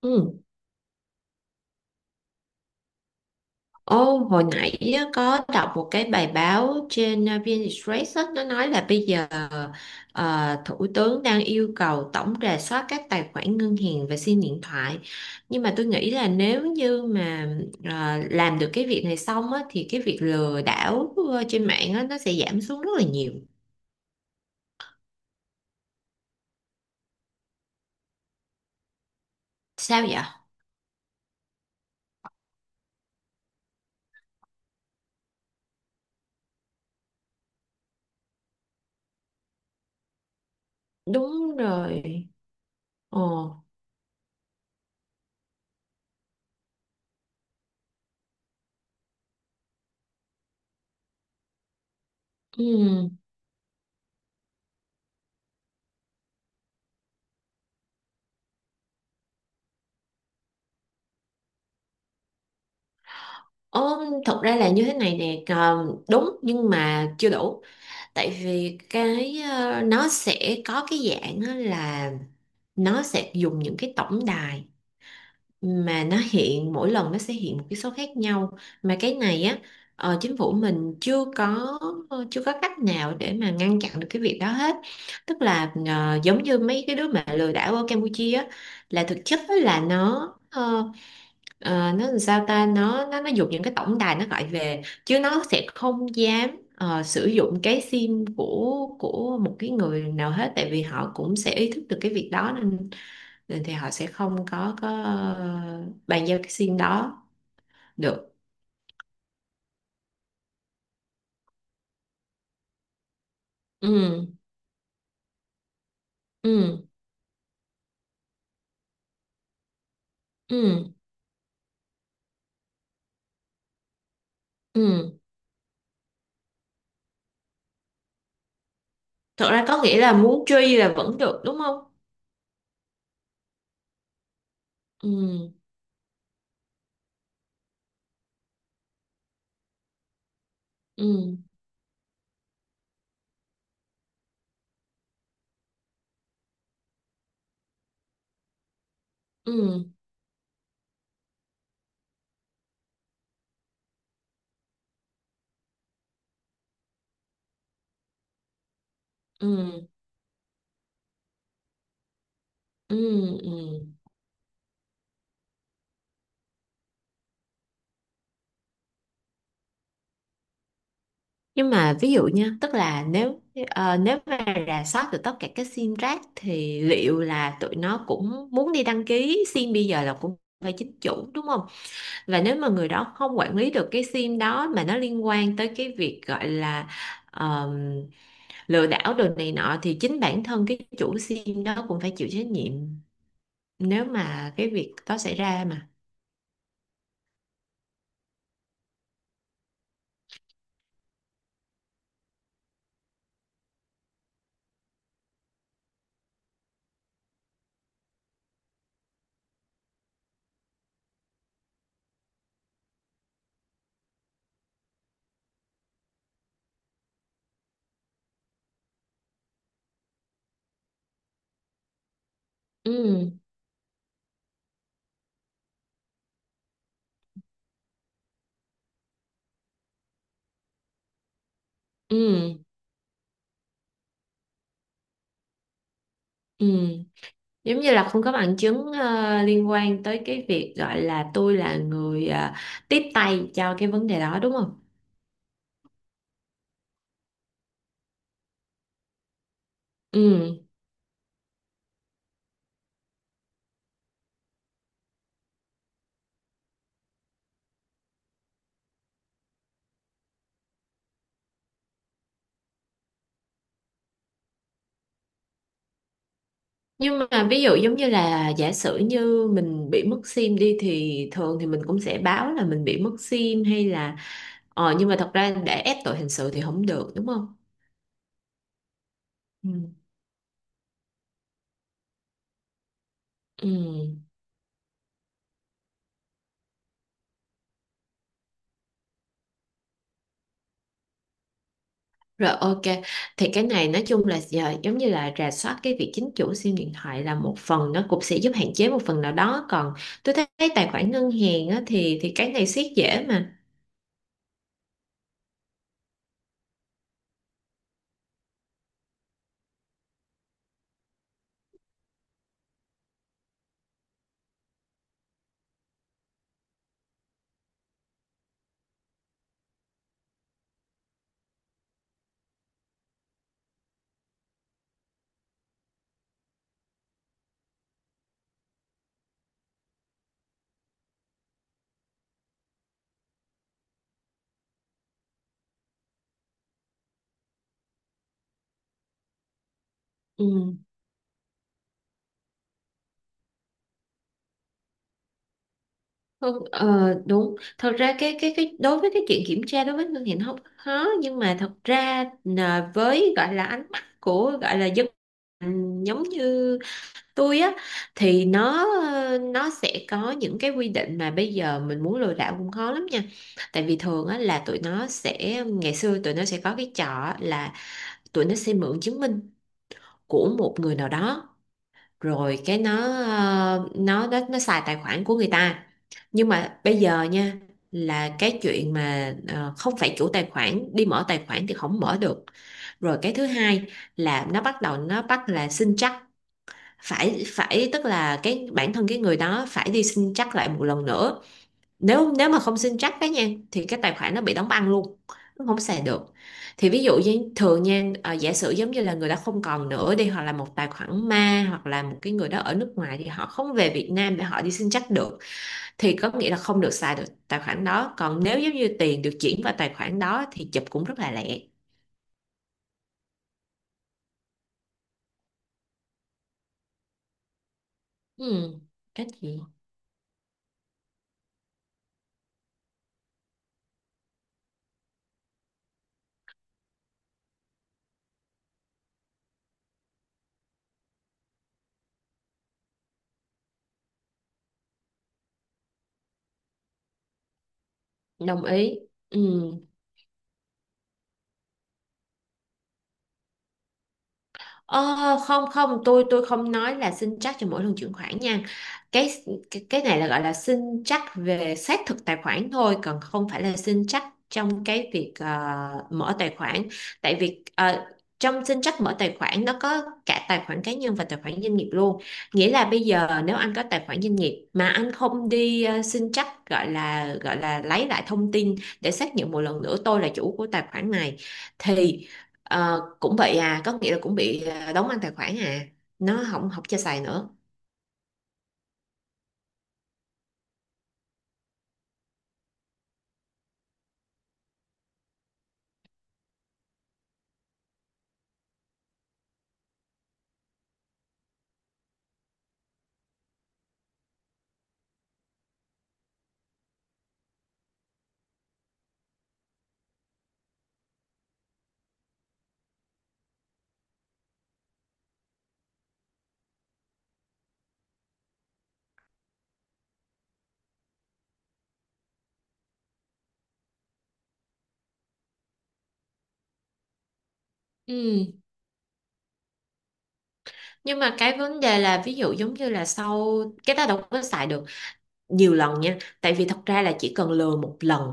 Ừ. Ô, hồi nãy á, có đọc một cái bài báo trên VnExpress á, nó nói là bây giờ Thủ tướng đang yêu cầu tổng rà soát các tài khoản ngân hàng và SIM điện thoại. Nhưng mà tôi nghĩ là nếu như mà làm được cái việc này xong á, thì cái việc lừa đảo trên mạng á, nó sẽ giảm xuống rất là nhiều. Sao vậy? Đúng rồi. Ồ. Ừ. Ồ, thật ra là như thế này nè, ờ, đúng nhưng mà chưa đủ. Tại vì cái nó sẽ có cái dạng á là nó sẽ dùng những cái tổng đài mà nó hiện mỗi lần nó sẽ hiện một cái số khác nhau, mà cái này á, chính phủ mình chưa có chưa có cách nào để mà ngăn chặn được cái việc đó hết. Tức là ờ, giống như mấy cái đứa mà lừa đảo ở Campuchia á, là thực chất á là nó ờ, Ờ, nó làm sao ta, nó dùng những cái tổng đài nó gọi về chứ nó sẽ không dám sử dụng cái sim của một cái người nào hết, tại vì họ cũng sẽ ý thức được cái việc đó nên, nên thì họ sẽ không có bàn giao cái sim đó được. Ừ. Ừ. Ừ. Ừ thật ra có nghĩa là muốn truy là vẫn được đúng không? Ừ. Ừ. Ừ. Ừ. Ừ. Ừ. Nhưng mà ví dụ nha, tức là nếu nếu mà rà soát được tất cả các sim rác thì liệu là tụi nó cũng muốn đi đăng ký sim bây giờ là cũng phải chính chủ đúng không? Và nếu mà người đó không quản lý được cái sim đó mà nó liên quan tới cái việc gọi là ờm, lừa đảo đồ này nọ thì chính bản thân cái chủ sim đó cũng phải chịu trách nhiệm nếu mà cái việc đó xảy ra mà. Ừ. Ừ. Ừ. Giống như là không có bằng chứng liên quan tới cái việc gọi là tôi là người tiếp tay cho cái vấn đề đó đúng không? Ừ. Nhưng mà ví dụ giống như là giả sử như mình bị mất sim đi thì thường thì mình cũng sẽ báo là mình bị mất sim hay là ờ, nhưng mà thật ra để ép tội hình sự thì không được đúng không? Ừ. Ừ. Rồi ok, thì cái này nói chung là giờ giống như là rà soát cái việc chính chủ SIM điện thoại là một phần, nó cũng sẽ giúp hạn chế một phần nào đó, còn tôi thấy tài khoản ngân hàng á, thì cái này siết dễ mà. Ừ. Thôi, Ờ, đúng, thật ra cái đối với cái chuyện kiểm tra đối với ngân hàng nó không khó, nhưng mà thật ra là với gọi là ánh mắt của gọi là dân, ừ, giống như tôi á, thì nó ờ, nó sẽ có những cái quy định mà bây giờ mình muốn lừa đảo cũng khó lắm nha. Tại vì thường á là tụi nó sẽ, ngày xưa tụi nó sẽ có cái trò á là tụi nó sẽ mượn chứng minh của một người nào đó rồi cái nó nó xài tài khoản của người ta. Nhưng mà bây giờ nha, là cái chuyện mà không phải chủ tài khoản đi mở tài khoản thì không mở được. Rồi cái thứ hai là nó bắt đầu nó bắt là xin chắc, phải phải tức là cái bản thân cái người đó phải đi xin chắc lại một lần nữa. Nếu nếu mà không xin chắc cái nha thì cái tài khoản nó bị đóng băng luôn, nó không xài được. Thì ví dụ như thường nha, à, giả sử giống như là người đó không còn nữa đi, hoặc là một tài khoản ma, hoặc là một cái người đó ở nước ngoài thì họ không về Việt Nam để họ đi xin chắc được, thì có nghĩa là không được xài được tài khoản đó. Còn nếu giống như tiền được chuyển vào tài khoản đó thì chụp cũng rất là lẹ. Ừ, cái gì? Đồng ý. Ừ. Ờ, không không, tôi không nói là xin trắc cho mỗi lần chuyển khoản nha. Cái cái, cái này là gọi là xin trắc về xác thực tài khoản thôi, còn không phải là xin trắc trong cái việc mở tài khoản. Tại vì ờ, trong xin trắc mở tài khoản nó có cả tài khoản cá nhân và tài khoản doanh nghiệp luôn. Nghĩa là bây giờ nếu anh có tài khoản doanh nghiệp mà anh không đi xin trắc, gọi là lấy lại thông tin để xác nhận một lần nữa tôi là chủ của tài khoản này, thì Ờ, cũng vậy à, có nghĩa là cũng bị à, đóng ăn tài khoản à, nó không học cho xài nữa. Ừ. Nhưng mà cái vấn đề là ví dụ giống như là sau cái ta đâu có xài được nhiều lần nha, tại vì thật ra là chỉ cần lừa một lần.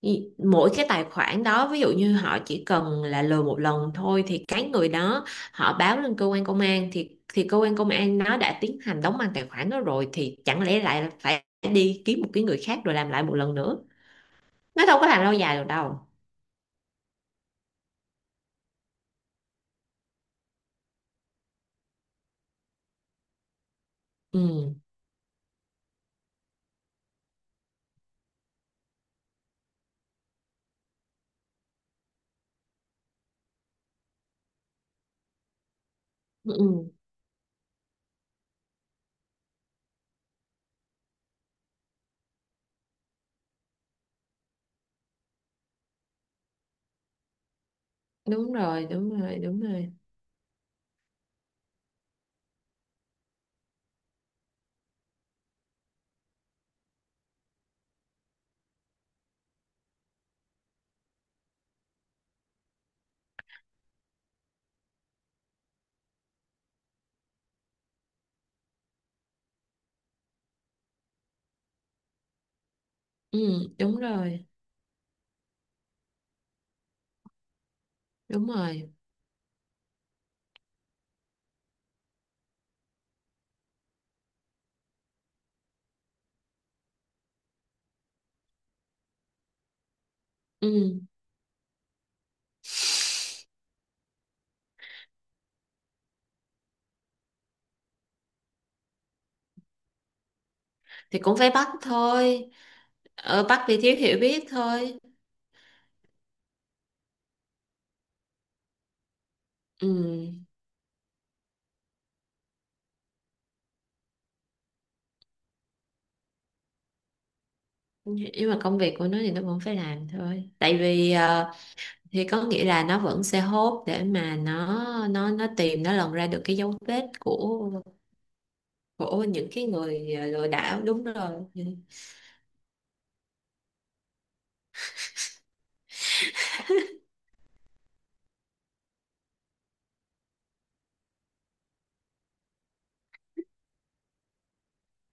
Ý- mỗi cái tài khoản đó ví dụ như họ chỉ cần là lừa một lần thôi, thì cái người đó họ báo lên cơ quan công an thì cơ quan công an nó đã tiến hành đóng băng tài khoản đó rồi, thì chẳng lẽ lại phải đi kiếm một cái người khác rồi làm lại một lần nữa. Nó đâu có làm lâu dài được đâu. Ừ. Ừ. Ừ. Đúng rồi, đúng rồi, đúng rồi. Ừ, đúng rồi, đúng rồi. Ừ, thì cũng phải bắt thôi. Ở, bắt vì thiếu hiểu biết thôi. Ừ, nhưng mà công việc của nó thì nó vẫn phải làm thôi, tại vì ờ, thì có nghĩa là nó vẫn sẽ hốt để mà nó tìm, nó lồng ra được cái dấu vết của những cái người lừa đảo, đúng rồi.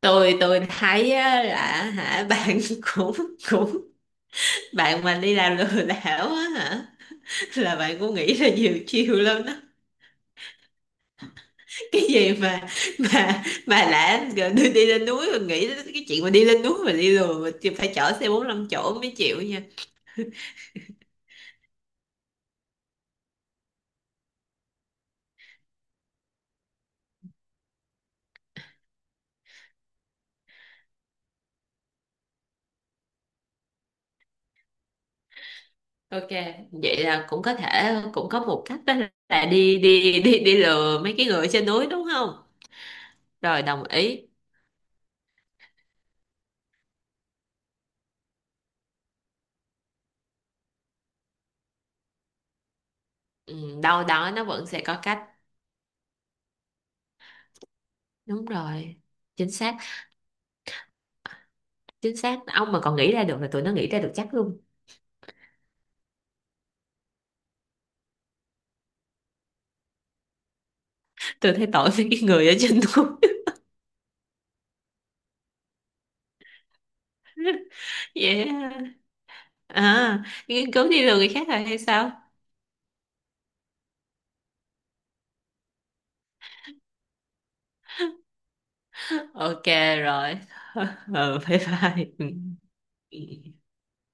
Tôi thấy á, là hả bạn cũng cũng, bạn mà đi làm lừa đảo á hả, là bạn cũng nghĩ là nhiều chiều lắm đó. Cái gì mà mà đã gọi đi, đi lên núi mà nghĩ đến cái chuyện mà đi lên núi mà đi lùa, mà thì phải chở xe 45 chỗ mới chịu nha. Ok, vậy là cũng có thể cũng có một cách đó, là đi đi lừa mấy cái người trên núi đúng không? Rồi đồng ý. Ừ, đâu đó nó vẫn sẽ có cách. Đúng rồi, chính xác. Chính xác, ông mà còn nghĩ ra được là tụi nó nghĩ ra được chắc luôn. Tôi thấy tội với cái người ở trên núi. Yeah. À, nghiên cứu đi lừa người khác rồi hay sao? Ok rồi. Ừ, bye bye. Ừ.